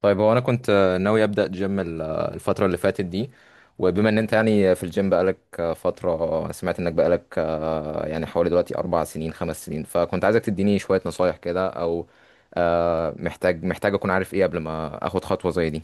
طيب هو انا كنت، ناوي ابدا جيم الفتره اللي فاتت دي. وبما ان انت يعني في الجيم بقالك فتره، سمعت انك بقالك يعني حوالي دلوقتي 4 سنين 5 سنين، فكنت عايزك تديني شويه نصايح كده، او محتاج، اكون عارف ايه قبل ما اخد خطوه زي دي.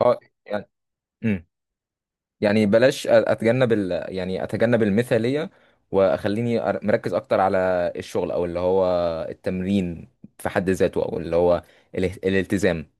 اه، يعني، مم. يعني بلاش، اتجنب، يعني اتجنب المثاليه، واخليني مركز اكتر على الشغل، او اللي هو التمرين في حد ذاته، او اللي هو الالتزام.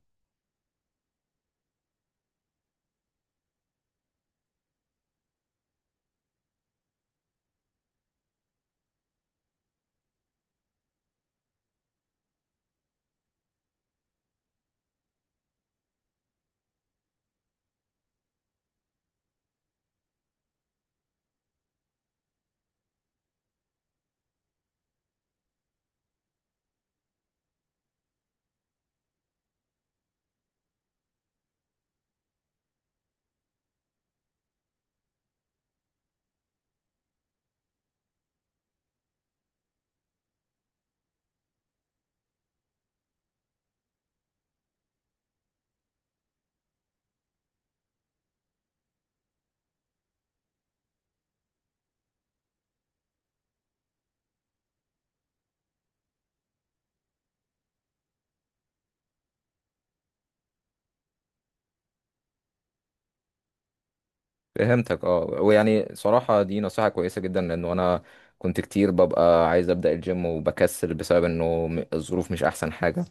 فهمتك اه. ويعني صراحة، دي نصيحة كويسة جدا، لأنه أنا كنت كتير ببقى عايز أبدأ الجيم وبكسل، بسبب إنه الظروف مش أحسن حاجة.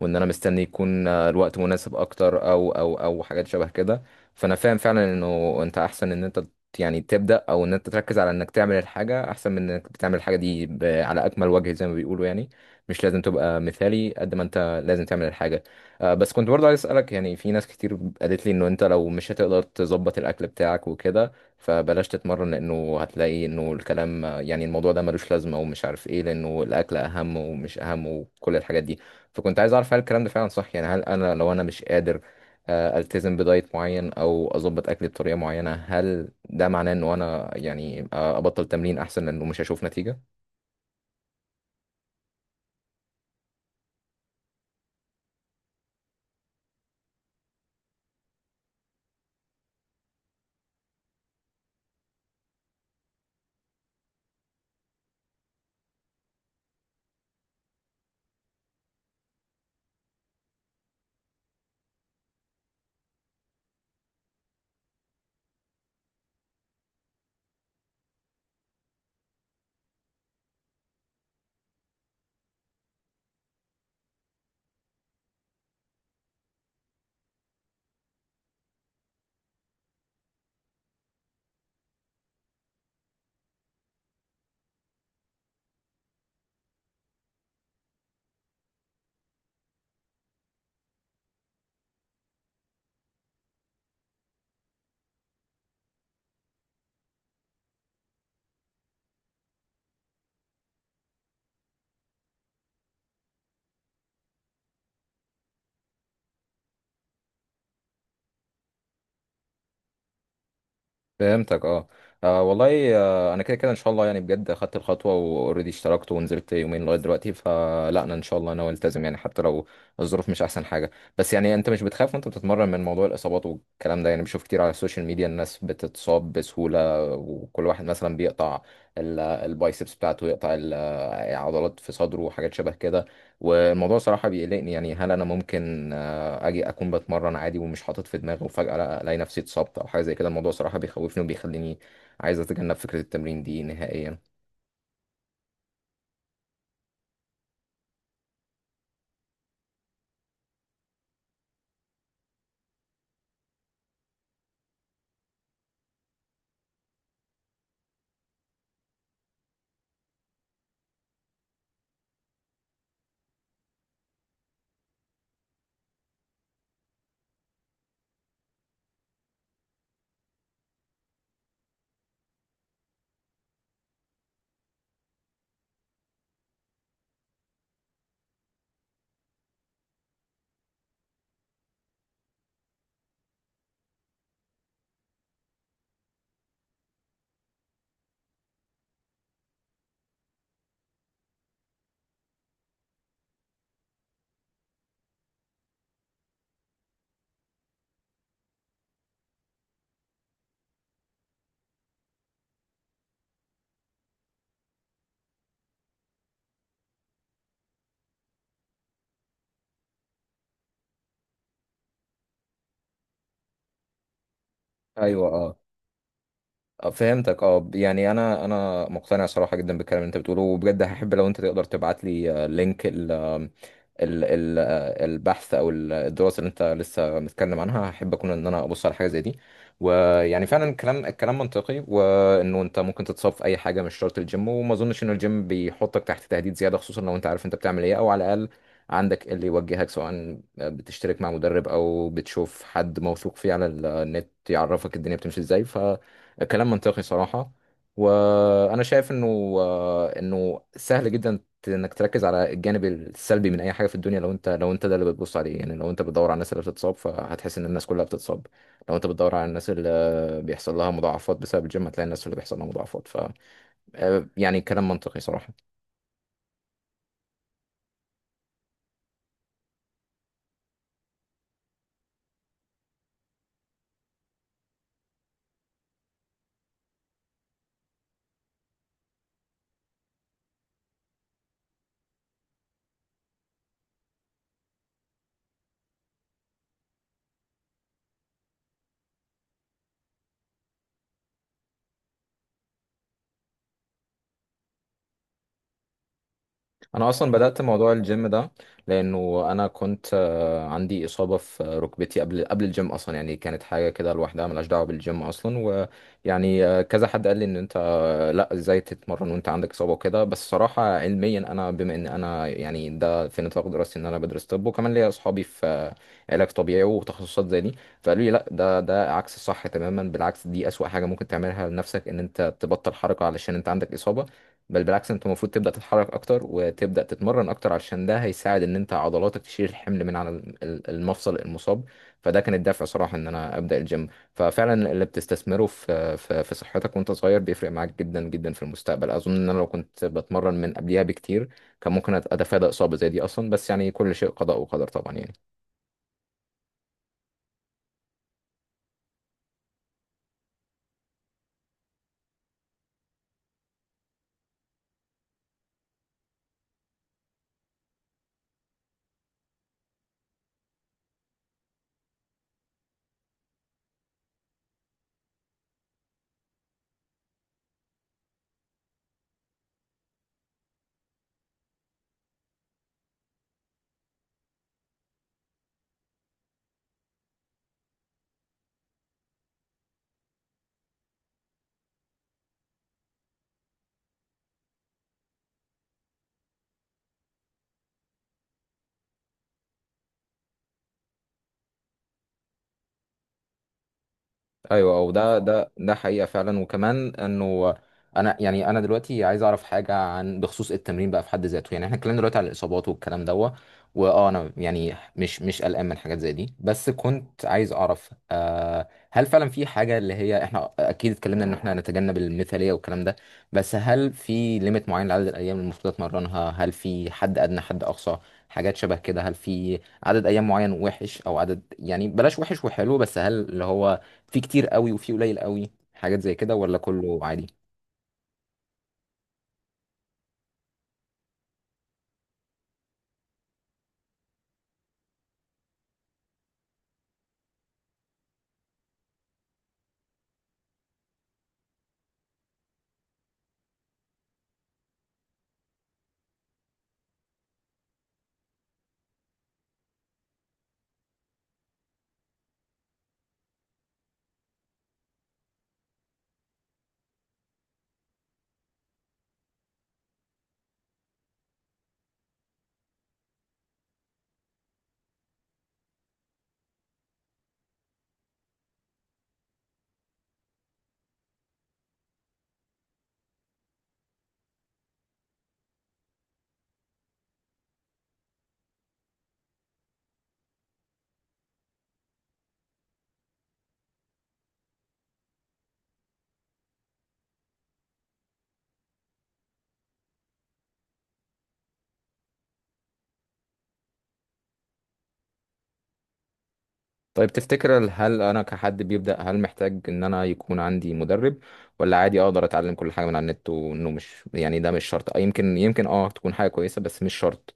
وإن أنا مستني يكون الوقت مناسب أكتر، أو حاجات شبه كده. فأنا فاهم فعلا إنه أنت أحسن إن أنت يعني تبدأ، أو إن أنت تركز على إنك تعمل الحاجة أحسن من إنك بتعمل الحاجة دي، على أكمل وجه زي ما بيقولوا يعني. مش لازم تبقى مثالي قد ما أنت لازم تعمل الحاجة. بس كنت برضه عايز اسالك، يعني في ناس كتير قالت لي انه انت لو مش هتقدر تظبط الاكل بتاعك وكده، فبلاش تتمرن، لانه هتلاقي انه الكلام يعني الموضوع ده ملوش لازمه ومش عارف ايه، لانه الاكل اهم ومش اهم وكل الحاجات دي. فكنت عايز اعرف، هل الكلام ده فعلا صح؟ يعني هل انا لو انا مش قادر التزم بدايت معين، او اظبط اكلي بطريقه معينه، هل ده معناه انه انا يعني ابطل تمرين احسن لانه مش هشوف نتيجه؟ فهمتك اه. والله، انا كده كده ان شاء الله، يعني بجد اخدت الخطوه واوريدي اشتركت ونزلت يومين لغايه دلوقتي، فلا انا ان شاء الله انا التزم، يعني حتى لو الظروف مش احسن حاجه. بس يعني انت مش بتخاف وانت بتتمرن من موضوع الاصابات والكلام ده؟ يعني بشوف كتير على السوشيال ميديا الناس بتتصاب بسهوله، وكل واحد مثلا بيقطع البايسبس بتاعته، يقطع عضلات في صدره وحاجات شبه كده. والموضوع صراحه بيقلقني، يعني هل انا ممكن اجي اكون بتمرن عادي ومش حاطط في دماغي، وفجأة لا الاقي نفسي اتصبت او حاجة زي كده؟ الموضوع صراحة بيخوفني وبيخليني عايز اتجنب فكرة التمرين دي نهائيا. ايوه اه. فهمتك اه، يعني انا مقتنع صراحه جدا بالكلام اللي انت بتقوله، وبجد هحب لو انت تقدر تبعت لي لينك ال ال آه، البحث الدراسه اللي انت لسه متكلم عنها، هحب اكون ان انا ابص على حاجه زي دي. ويعني فعلا الكلام منطقي، وانه انت ممكن تتصاب في اي حاجه، مش شرط الجيم، وما اظنش ان الجيم بيحطك تحت تهديد زياده، خصوصا لو انت عارف انت بتعمل ايه، او على الاقل عندك اللي يوجهك، سواء بتشترك مع مدرب او بتشوف حد موثوق فيه على النت يعرفك الدنيا بتمشي ازاي. كلام منطقي صراحة. وأنا شايف إنه إنه سهل جدا إنك تركز على الجانب السلبي من أي حاجة في الدنيا، لو أنت ده اللي بتبص عليه. يعني لو أنت بتدور على الناس اللي بتتصاب، فهتحس إن الناس كلها بتتصاب. لو أنت بتدور على الناس اللي بيحصل لها مضاعفات بسبب الجيم، هتلاقي الناس اللي بيحصل لها مضاعفات. ف آه، يعني كلام منطقي صراحة. أنا أصلا بدأت موضوع الجيم ده، لأنه أنا كنت عندي إصابة في ركبتي، قبل الجيم أصلا، يعني كانت حاجة كده لوحدها ملهاش دعوة بالجيم أصلا. ويعني كذا حد قال لي ان انت آه لا، ازاي تتمرن وانت عندك اصابه وكده. بس صراحه علميا، انا بما ان انا يعني ده في نطاق دراستي، ان انا بدرس طب، وكمان ليا اصحابي في علاج طبيعي وتخصصات زي دي، فقالوا لي لا، ده عكس الصح تماما. بالعكس، دي اسوأ حاجه ممكن تعملها لنفسك، ان انت تبطل حركه علشان انت عندك اصابه. بل بالعكس، انت المفروض تبدا تتحرك اكتر، وتبدا تتمرن اكتر، علشان ده هيساعد ان انت عضلاتك تشيل الحمل من على المفصل المصاب. فده كان الدافع صراحه ان انا ابدا الجيم. ففعلا اللي بتستثمره في صحتك وانت صغير، بيفرق معاك جدا جدا في المستقبل. اظن ان انا لو كنت بتمرن من قبليها بكتير، كان ممكن اتفادى اصابة زي دي اصلا، بس يعني كل شيء قضاء وقدر طبعا يعني. ايوه، ده حقيقه فعلا. وكمان انه انا يعني انا دلوقتي عايز اعرف حاجه بخصوص التمرين بقى في حد ذاته. يعني احنا اتكلمنا دلوقتي على الاصابات والكلام دوت، واه انا يعني مش قلقان من حاجات زي دي، بس كنت عايز اعرف هل فعلا في حاجه، اللي هي احنا اكيد اتكلمنا ان احنا نتجنب المثاليه والكلام ده، بس هل في ليميت معين لعدد الايام اللي المفروض اتمرنها؟ هل في حد ادنى حد اقصى، حاجات شبه كده؟ هل في عدد ايام معين وحش او عدد، يعني بلاش وحش وحلو، بس هل اللي هو في كتير قوي وفي قليل قوي، حاجات زي كده، ولا كله عادي؟ طيب تفتكر، هل انا كحد بيبدأ، هل محتاج ان انا يكون عندي مدرب، ولا عادي اقدر اتعلم كل حاجة من على النت؟ وانه مش يعني ده مش شرط، يمكن اه تكون حاجة كويسة بس مش شرط.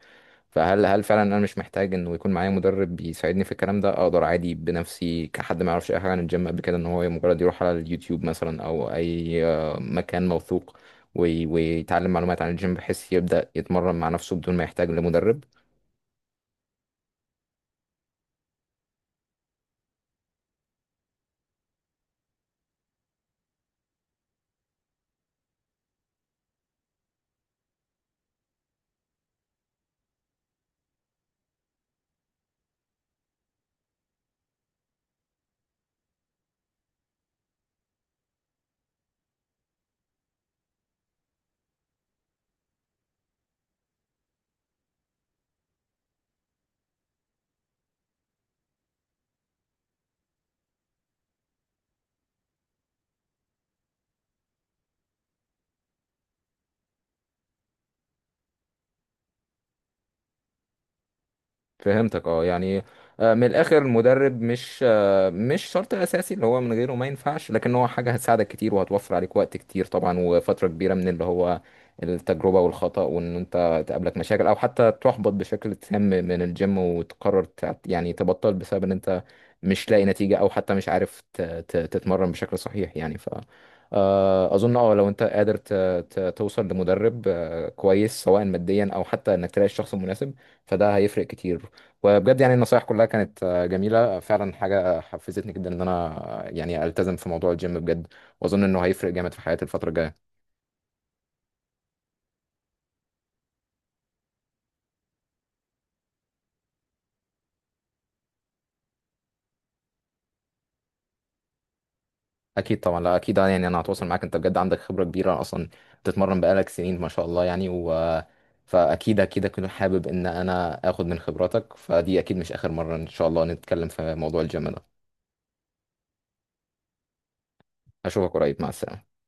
فهل، هل فعلا انا مش محتاج انه يكون معايا مدرب بيساعدني في الكلام ده؟ اقدر عادي بنفسي كحد ما يعرفش اي حاجة عن الجيم قبل كده، ان هو مجرد يروح على اليوتيوب مثلا او اي مكان موثوق، ويتعلم معلومات عن الجيم بحيث يبدأ يتمرن مع نفسه بدون ما يحتاج لمدرب؟ فهمتك اه، يعني من الاخر، المدرب مش شرط اساسي اللي هو من غيره ما ينفعش، لكن هو حاجه هتساعدك كتير، وهتوفر عليك وقت كتير طبعا، وفتره كبيره من اللي هو التجربه والخطأ، وان انت تقابلك مشاكل او حتى تحبط بشكل تام من الجيم، وتقرر يعني تبطل بسبب ان انت مش لاقي نتيجه، او حتى مش عارف تتمرن بشكل صحيح يعني. ف آه، اظن اه لو انت قادر توصل لمدرب كويس سواء ماديا او حتى انك تلاقي الشخص المناسب، فده هيفرق كتير. وبجد يعني النصايح كلها كانت جميلة فعلا، حاجة حفزتني جدا ان انا يعني التزم في موضوع الجيم بجد، واظن انه هيفرق جامد في حياتي الفترة الجاية. اكيد طبعا، لا اكيد، يعني انا هتواصل معاك، انت بجد عندك خبرة كبيرة اصلا، بتتمرن بقالك سنين ما شاء الله يعني، فاكيد اكيد اكون حابب ان انا اخد من خبراتك. فدي اكيد مش اخر مرة ان شاء الله نتكلم في موضوع الجيم ده. اشوفك قريب، مع السلامة.